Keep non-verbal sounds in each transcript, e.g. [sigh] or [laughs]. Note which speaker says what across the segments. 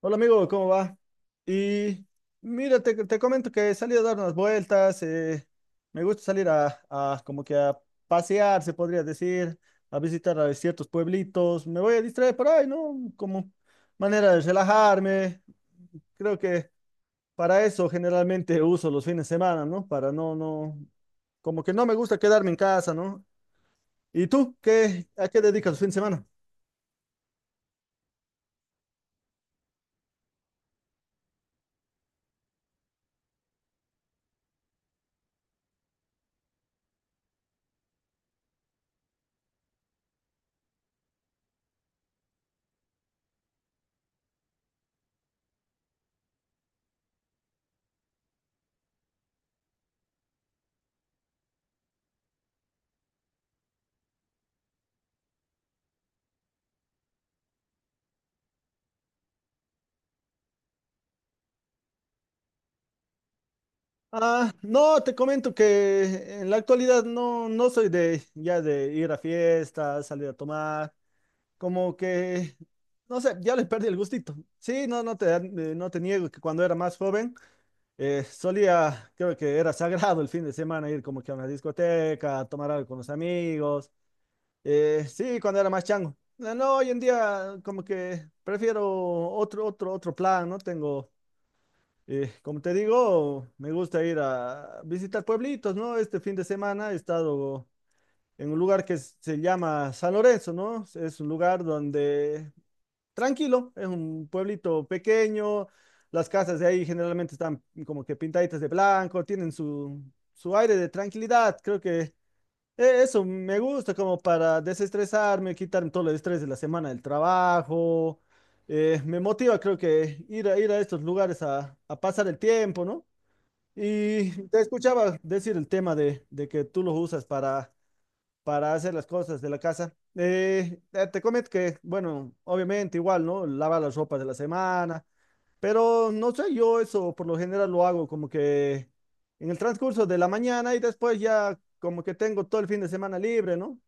Speaker 1: Hola amigo, ¿cómo va? Y mira, te comento que salí a dar unas vueltas, me gusta salir a como que a pasear, se podría decir, a visitar a ciertos pueblitos, me voy a distraer por ahí, ¿no? Como manera de relajarme, creo que para eso generalmente uso los fines de semana, ¿no? Para como que no me gusta quedarme en casa, ¿no? ¿Y tú qué, a qué dedicas los fines de semana? Ah, no, te comento que en la actualidad no soy de ya de ir a fiestas, salir a tomar, como que, no sé, ya le perdí el gustito. Sí, no no te niego que cuando era más joven solía, creo que era sagrado el fin de semana ir como que a una discoteca, a tomar algo con los amigos. Sí, cuando era más chango. No, no, hoy en día como que prefiero otro plan, ¿no? Tengo... como te digo, me gusta ir a visitar pueblitos, ¿no? Este fin de semana he estado en un lugar que se llama San Lorenzo, ¿no? Es un lugar donde tranquilo, es un pueblito pequeño, las casas de ahí generalmente están como que pintaditas de blanco, tienen su aire de tranquilidad, creo que eso me gusta como para desestresarme, quitarme todo el estrés de la semana del trabajo. Me motiva, creo que ir a estos lugares a pasar el tiempo, ¿no? Y te escuchaba decir el tema de que tú lo usas para hacer las cosas de la casa. Te comento que, bueno, obviamente igual, ¿no? Lavar las ropas de la semana, pero no sé, yo eso por lo general lo hago como que en el transcurso de la mañana y después ya como que tengo todo el fin de semana libre, ¿no?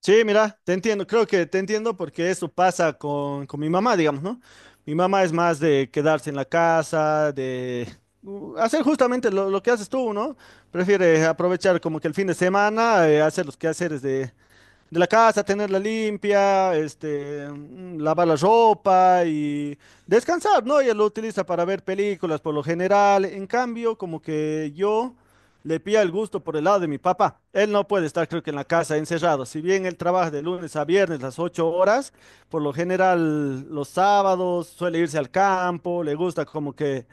Speaker 1: Sí, mira, te entiendo, creo que te entiendo porque eso pasa con mi mamá, digamos, ¿no? Mi mamá es más de quedarse en la casa, de hacer justamente lo que haces tú, ¿no? Prefiere aprovechar como que el fin de semana, hacer los quehaceres de la casa, tenerla limpia, este, mm, lavar la ropa y descansar, ¿no? Ella lo utiliza para ver películas por lo general. En cambio, como que yo le pilla el gusto por el lado de mi papá. Él no puede estar, creo que en la casa encerrado. Si bien él trabaja de lunes a viernes las ocho horas, por lo general los sábados suele irse al campo, le gusta como que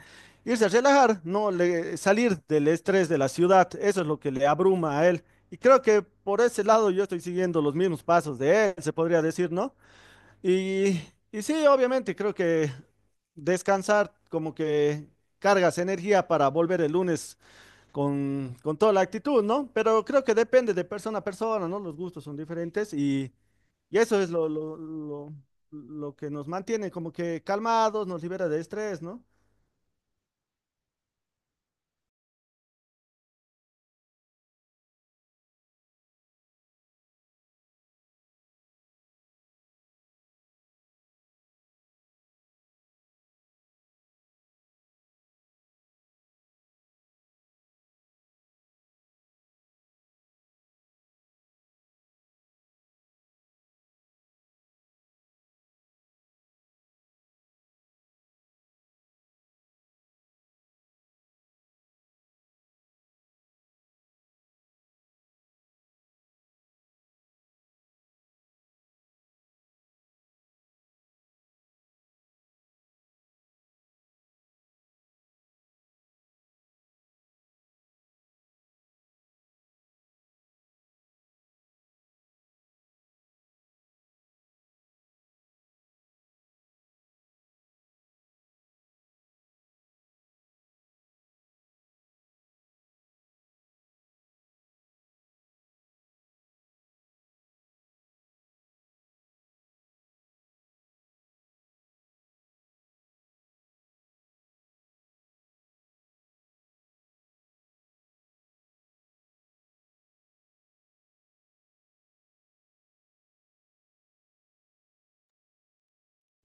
Speaker 1: irse a relajar, no le, salir del estrés de la ciudad. Eso es lo que le abruma a él. Y creo que por ese lado yo estoy siguiendo los mismos pasos de él, se podría decir, ¿no? Y, y sí, obviamente, creo que descansar como que cargas energía para volver el lunes con toda la actitud, ¿no? Pero creo que depende de persona a persona, ¿no? Los gustos son diferentes y eso es lo que nos mantiene como que calmados, nos libera de estrés, ¿no?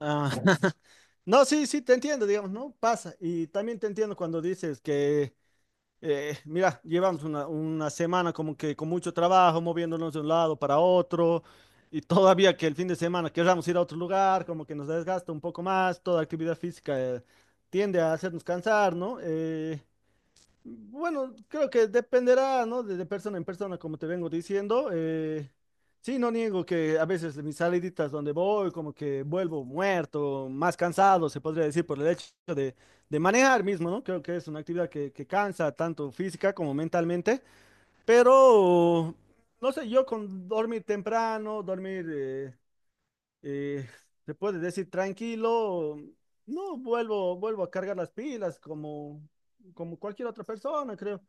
Speaker 1: Ah, [laughs] no, sí, sí, te entiendo, digamos, ¿no? Pasa. Y también te entiendo cuando dices que mira, llevamos una semana como que con mucho trabajo, moviéndonos de un lado para otro, y todavía que el fin de semana queramos ir a otro lugar, como que nos desgasta un poco más, toda actividad física tiende a hacernos cansar, ¿no? Bueno, creo que dependerá, ¿no? De persona en persona, como te vengo diciendo. Sí, no niego que a veces mis saliditas donde voy, como que vuelvo muerto, más cansado, se podría decir, por el hecho de, de manejar mismo, ¿no? Creo que es una actividad que cansa tanto física como mentalmente, pero, no sé, yo con dormir temprano, dormir... eh, se puede decir tranquilo, no vuelvo, vuelvo a cargar las pilas como, como cualquier otra persona, creo.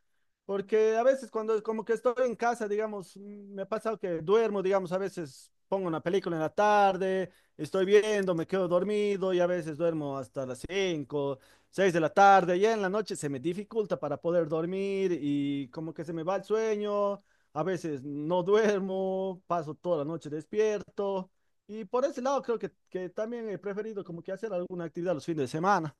Speaker 1: Porque a veces cuando como que estoy en casa, digamos, mm, me ha pasado que duermo, digamos, a veces pongo una película en la tarde, estoy viendo, me quedo dormido y a veces duermo hasta las 5 6 de la tarde, y en la noche se me dificulta para poder dormir y como que se me va el sueño, a veces no duermo, paso toda la noche despierto. Y por ese lado creo que también he preferido como que hacer alguna actividad los fines de semana.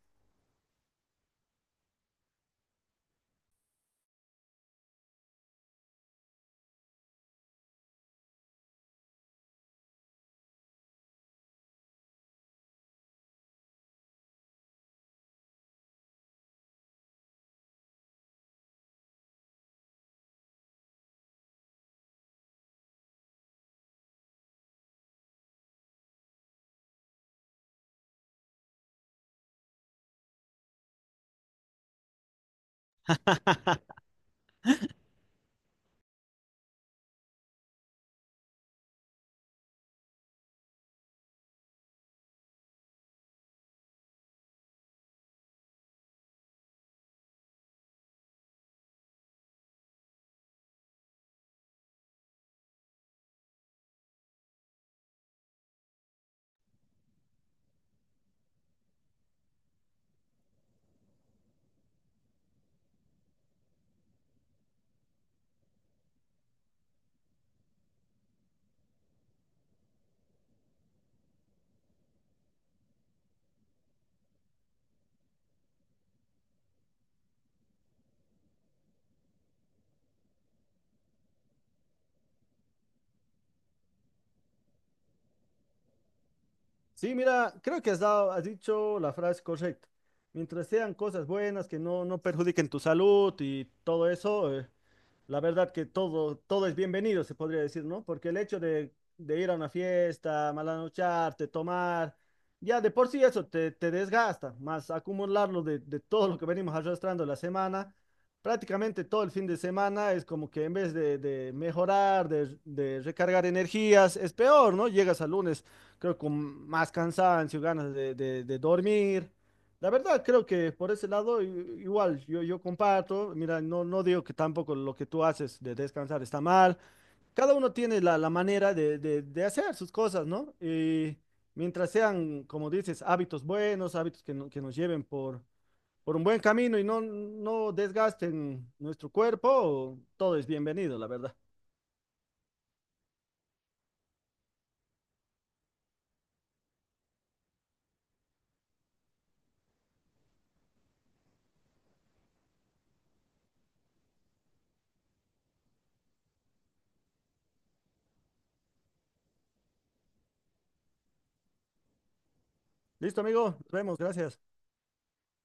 Speaker 1: Sí, mira, creo que has dicho la frase correcta. Mientras sean cosas buenas, que no perjudiquen tu salud y todo eso, la verdad que todo, todo es bienvenido, se podría decir, ¿no? Porque el hecho de ir a una fiesta, malanocharte, tomar, ya de por sí eso te desgasta, más acumularlo de todo lo que venimos arrastrando la semana, prácticamente todo el fin de semana es como que en vez de mejorar, de recargar energías, es peor, ¿no? Llegas al lunes, creo, con más cansancio, ganas de, de dormir. La verdad, creo que por ese lado igual yo, yo comparto, mira, no, no digo que tampoco lo que tú haces de descansar está mal, cada uno tiene la, la manera de, de hacer sus cosas, ¿no? Y mientras sean, como dices, hábitos buenos, hábitos que, que nos lleven por un buen camino y no desgasten nuestro cuerpo, todo es bienvenido, la verdad. Listo, amigo, nos vemos, gracias.